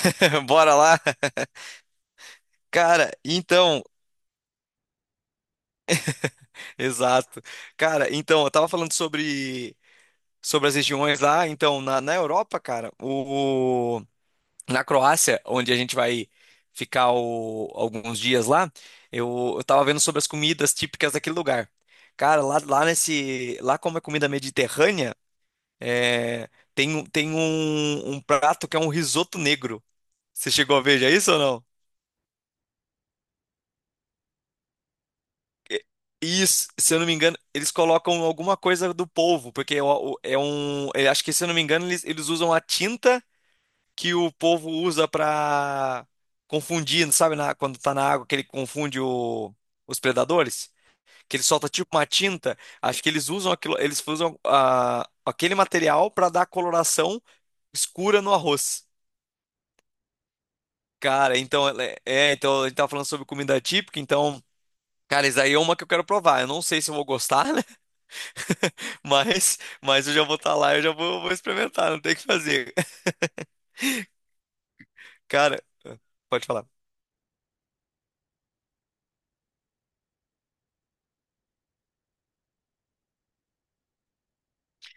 Bora lá. Cara, então, exato. Cara, então, eu tava falando sobre as regiões lá, então, na Europa, cara, o na Croácia, onde a gente vai ficar alguns dias lá, eu tava vendo sobre as comidas típicas daquele lugar. Cara, lá como é comida mediterrânea, é, tem um prato que é um risoto negro. Você chegou a ver já isso ou não? E, se eu não me engano, eles colocam alguma coisa do polvo, porque é o- é um. Eu acho que, se eu não me engano, eles usam a tinta que o polvo usa pra confundir, sabe, quando tá na água, que ele confunde os predadores, que ele solta tipo uma tinta. Acho que eles usam aquilo, eles usam aquele material pra dar coloração escura no arroz. Cara, então, então a gente tava falando sobre comida típica, então, cara, isso aí é uma que eu quero provar. Eu não sei se eu vou gostar, né? Mas, eu já vou estar lá, vou experimentar, não tem o que fazer. Cara, pode falar.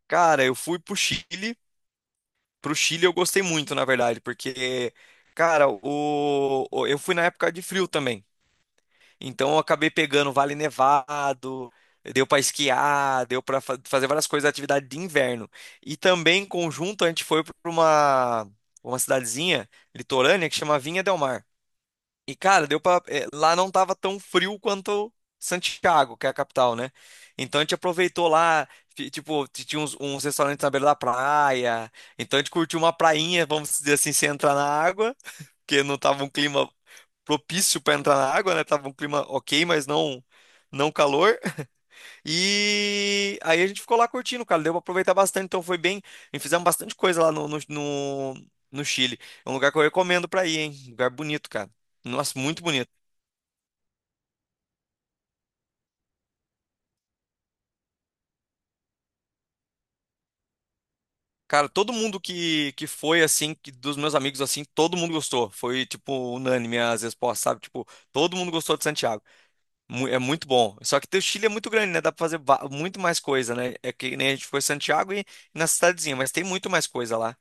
Cara, eu fui pro Chile. Pro Chile eu gostei muito, na verdade, porque, cara, eu fui na época de frio também. Então eu acabei pegando Vale Nevado, deu pra esquiar, deu pra fazer várias coisas, atividade de inverno. E também, em conjunto, a gente foi pra uma cidadezinha litorânea que chama Vinha del Mar. E, cara, lá não tava tão frio quanto Santiago, que é a capital, né? Então a gente aproveitou lá, tipo, tinha uns restaurantes na beira da praia. Então a gente curtiu uma prainha, vamos dizer assim, sem entrar na água, porque não tava um clima propício pra entrar na água, né? Tava um clima ok, mas não calor. E aí a gente ficou lá curtindo, cara. Deu pra aproveitar bastante, então foi bem. E fizemos bastante coisa lá no, no, no, no Chile. É um lugar que eu recomendo pra ir, hein? Lugar bonito, cara. Nossa, muito bonito. Cara, todo mundo que foi, assim, que, dos meus amigos, assim, todo mundo gostou. Foi, tipo, unânime as respostas, sabe? Tipo, todo mundo gostou de Santiago. É muito bom. Só que o Chile é muito grande, né? Dá pra fazer muito mais coisa, né? É que nem a gente foi em Santiago e na cidadezinha, mas tem muito mais coisa lá.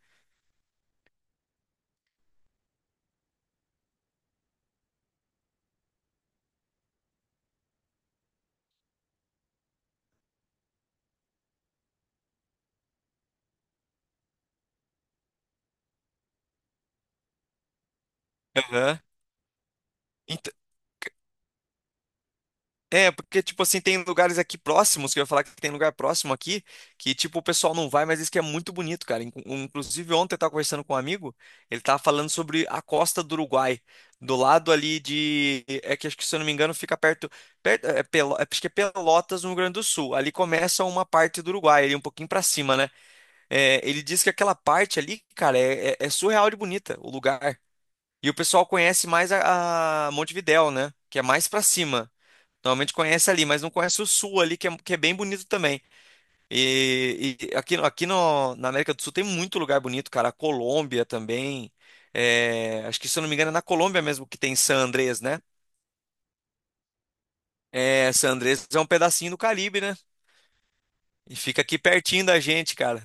Aham. É, porque, tipo assim, tem lugares aqui próximos, que eu ia falar que tem lugar próximo aqui, que, tipo, o pessoal não vai, mas diz que é muito bonito, cara. Inclusive, ontem eu tava conversando com um amigo, ele tava falando sobre a costa do Uruguai, do lado ali de, é que acho que, se eu não me engano, fica perto acho que é Pelotas, no Rio Grande do Sul. Ali começa uma parte do Uruguai, ali um pouquinho pra cima, né? É, ele diz que aquela parte ali, cara, é surreal de bonita, o lugar. E o pessoal conhece mais a Montevidéu, né? Que é mais pra cima. Normalmente conhece ali, mas não conhece o sul ali, que é bem bonito também. E aqui, aqui no, na América do Sul tem muito lugar bonito, cara. A Colômbia também. É, acho que, se eu não me engano, é na Colômbia mesmo que tem San Andrés, né? É, San Andrés é um pedacinho do Caribe, né? E fica aqui pertinho da gente, cara.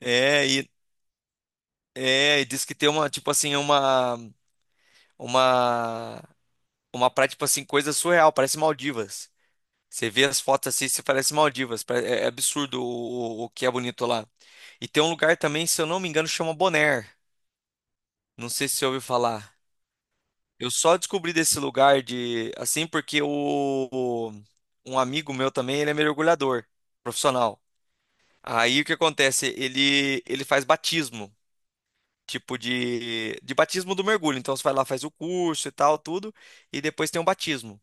É, e, e diz que tem uma, uma praia, tipo assim, coisa surreal, parece Maldivas. Você vê as fotos assim, você parece Maldivas. É é absurdo o que é bonito lá. E tem um lugar também, se eu não me engano, chama Bonaire. Não sei se você ouviu falar. Eu só descobri desse lugar de assim porque o- um amigo meu também, ele é mergulhador profissional. Aí o que acontece? Ele faz batismo, tipo de batismo do mergulho. Então você vai lá, faz o curso e tal, tudo, e depois tem um batismo.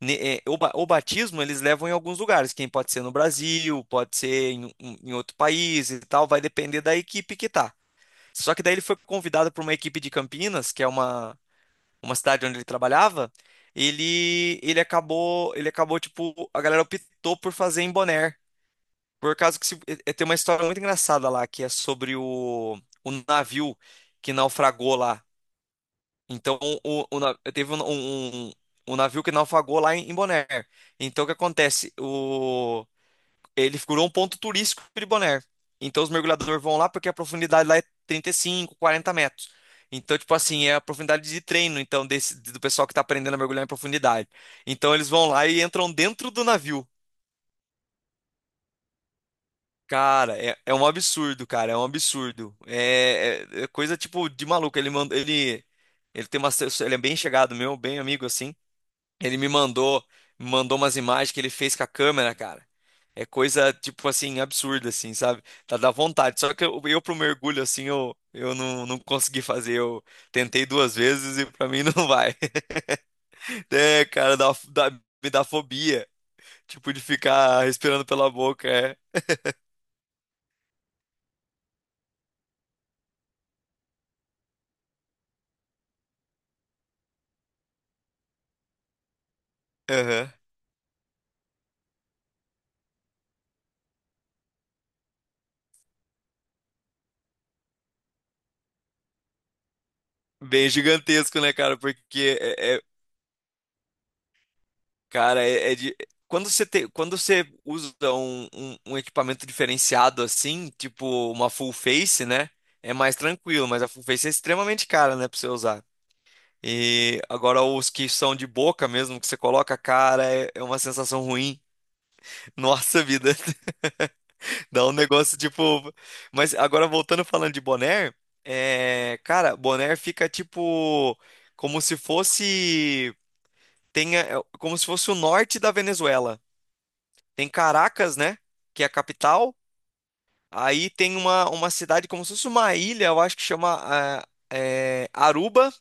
O batismo eles levam em alguns lugares, quem pode ser no Brasil, pode ser em outro país e tal, vai depender da equipe que tá. Só que daí ele foi convidado por uma equipe de Campinas, que é uma cidade onde ele trabalhava. Ele ele acabou tipo a galera optou por fazer em Bonaire, por causa que tem uma história muito engraçada lá que é sobre o navio que naufragou lá. Então, teve um navio que naufragou lá em Bonaire. Então, o que acontece? Ele figurou um ponto turístico de Bonaire. Então, os mergulhadores vão lá porque a profundidade lá é 35, 40 metros. Então, tipo assim, é a profundidade de treino, então, do pessoal que tá aprendendo a mergulhar em profundidade. Então, eles vão lá e entram dentro do navio. Cara, é um absurdo, cara, é um absurdo. É coisa, tipo, de maluco. Ele tem ele é bem chegado meu, bem amigo, assim. Ele me mandou, me mandou umas imagens que ele fez com a câmera, cara. É coisa, tipo assim, absurda, assim, sabe? Tá da vontade. Só que eu pro mergulho, assim, eu não, não consegui fazer. Eu tentei duas vezes e pra mim não vai. É, cara, me dá fobia. Tipo, de ficar respirando pela boca, é. Aham. Bem gigantesco, né, cara? Porque cara, quando quando você usa um equipamento diferenciado assim, tipo uma full face, né? É mais tranquilo, mas a full face é extremamente cara, né, pra você usar. E agora os que são de boca mesmo, que você coloca, cara, é é uma sensação ruim. Nossa vida, dá um negócio tipo. Mas agora voltando falando de boné, cara, boné fica tipo como se fosse. tenha, é como se fosse o norte da Venezuela. Tem Caracas, né? Que é a capital. Aí tem uma cidade como se fosse uma ilha, eu acho que chama ah, Aruba.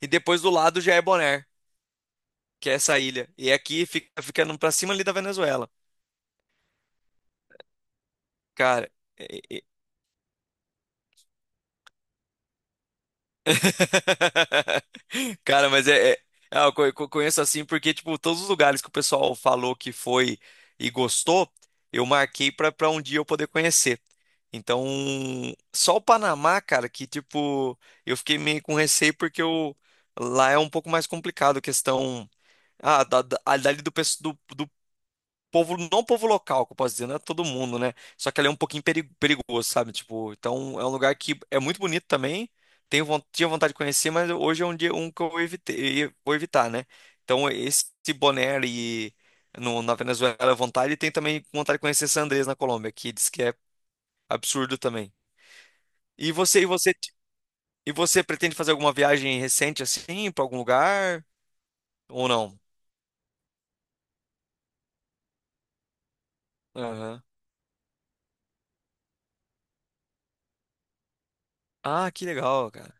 E depois do lado já é Bonaire, que é essa ilha. E é aqui fica ficando pra cima ali da Venezuela. Cara, é, Cara, mas é, é- ah, eu conheço assim porque, tipo, todos os lugares que o pessoal falou que foi e gostou, eu marquei pra um dia eu poder conhecer. Então, só o Panamá, cara, que, tipo, eu fiquei meio com receio porque eu, lá é um pouco mais complicado a questão. Ali pessoal povo, não povo local, que eu posso dizer, não é todo mundo, né? Só que ali é um pouquinho perigoso, sabe? Tipo, então é um lugar que é muito bonito também. Tinha vontade de conhecer, mas hoje é um dia um que eu evitei, vou evitar, né? Então esse Bonaire ali no, na Venezuela é vontade, e tem também vontade de conhecer San Andrés na Colômbia, que diz que é absurdo também. E você, e você, e você pretende fazer alguma viagem recente assim para algum lugar ou não? Aham. Ah, que legal, cara.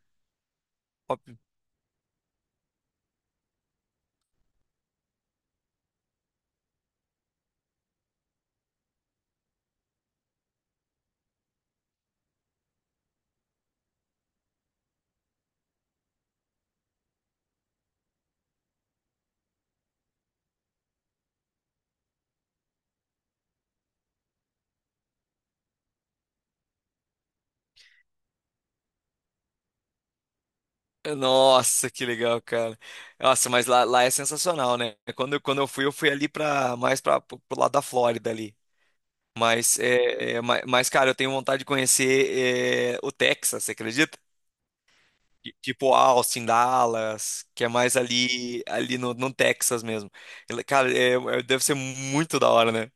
Nossa, que legal, cara. Nossa, mas lá, lá é sensacional, né? Quando eu fui ali para mais para pro pro lado da Flórida ali. Mas, cara, eu tenho vontade de conhecer é, o Texas, você acredita? Tipo Austin, Dallas, que é mais ali no Texas mesmo. Cara, deve ser muito da hora, né?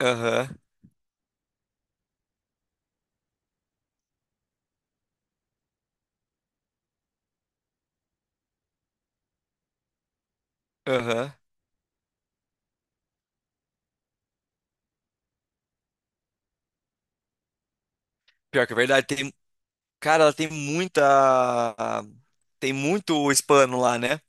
Aham, aham. Pior que é verdade, tem, cara, tem muito hispano lá, né?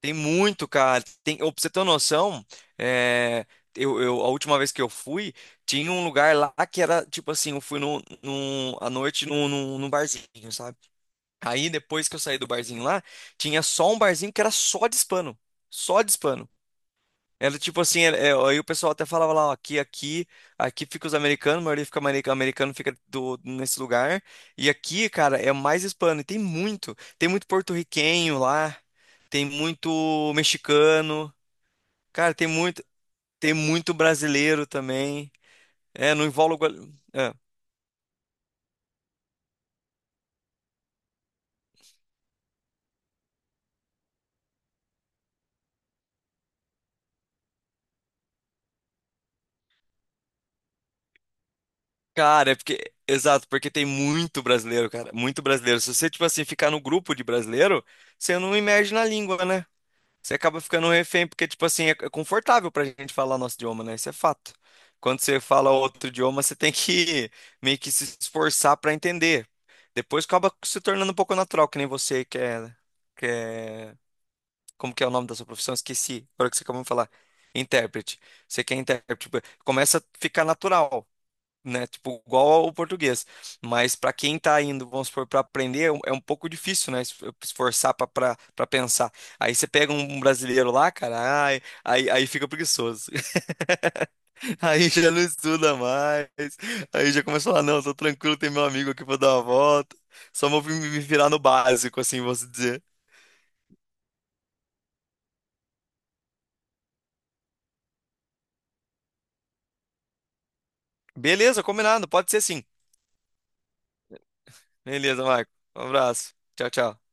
Tem muito, cara. Tem, ô, pra você ter uma noção, é, a última vez que eu fui, tinha um lugar lá que era tipo assim: eu fui à noite num barzinho, sabe? Aí depois que eu saí do barzinho lá, tinha só um barzinho que era só de hispano. Só de hispano. Era tipo assim, era- é, aí o pessoal até falava lá, ó, aqui fica os americanos, a maioria fica americano, americano fica nesse lugar. E aqui, cara, é mais hispano. E tem muito porto-riquenho lá, tem muito mexicano, cara, tem muito brasileiro também. É, não envolve. É. Cara, é porque. Exato, porque tem muito brasileiro, cara. Muito brasileiro. Se você, tipo assim, ficar no grupo de brasileiro, você não imerge na língua, né? Você acaba ficando um refém, porque, tipo assim, é é confortável pra gente falar nosso idioma, né? Isso é fato. Quando você fala outro idioma, você tem que meio que se esforçar pra entender. Depois acaba se tornando um pouco natural, que nem você que é... Como que é o nome da sua profissão? Esqueci. Agora que você acabou de falar. Intérprete. Você que é intérprete. Tipo, começa a ficar natural né? Tipo, igual ao português. Mas para quem tá indo, vamos supor, para aprender, é um pouco difícil, né? Esforçar para pensar. Aí você pega um brasileiro lá, cara, aí fica preguiçoso. Aí já não estuda mais. Aí já começa a falar, não, tô tranquilo, tem meu amigo aqui pra dar uma volta. Só vou me virar no básico, assim, vou dizer. Beleza, combinado, pode ser sim. Beleza, Marco. Um abraço. Tchau, tchau.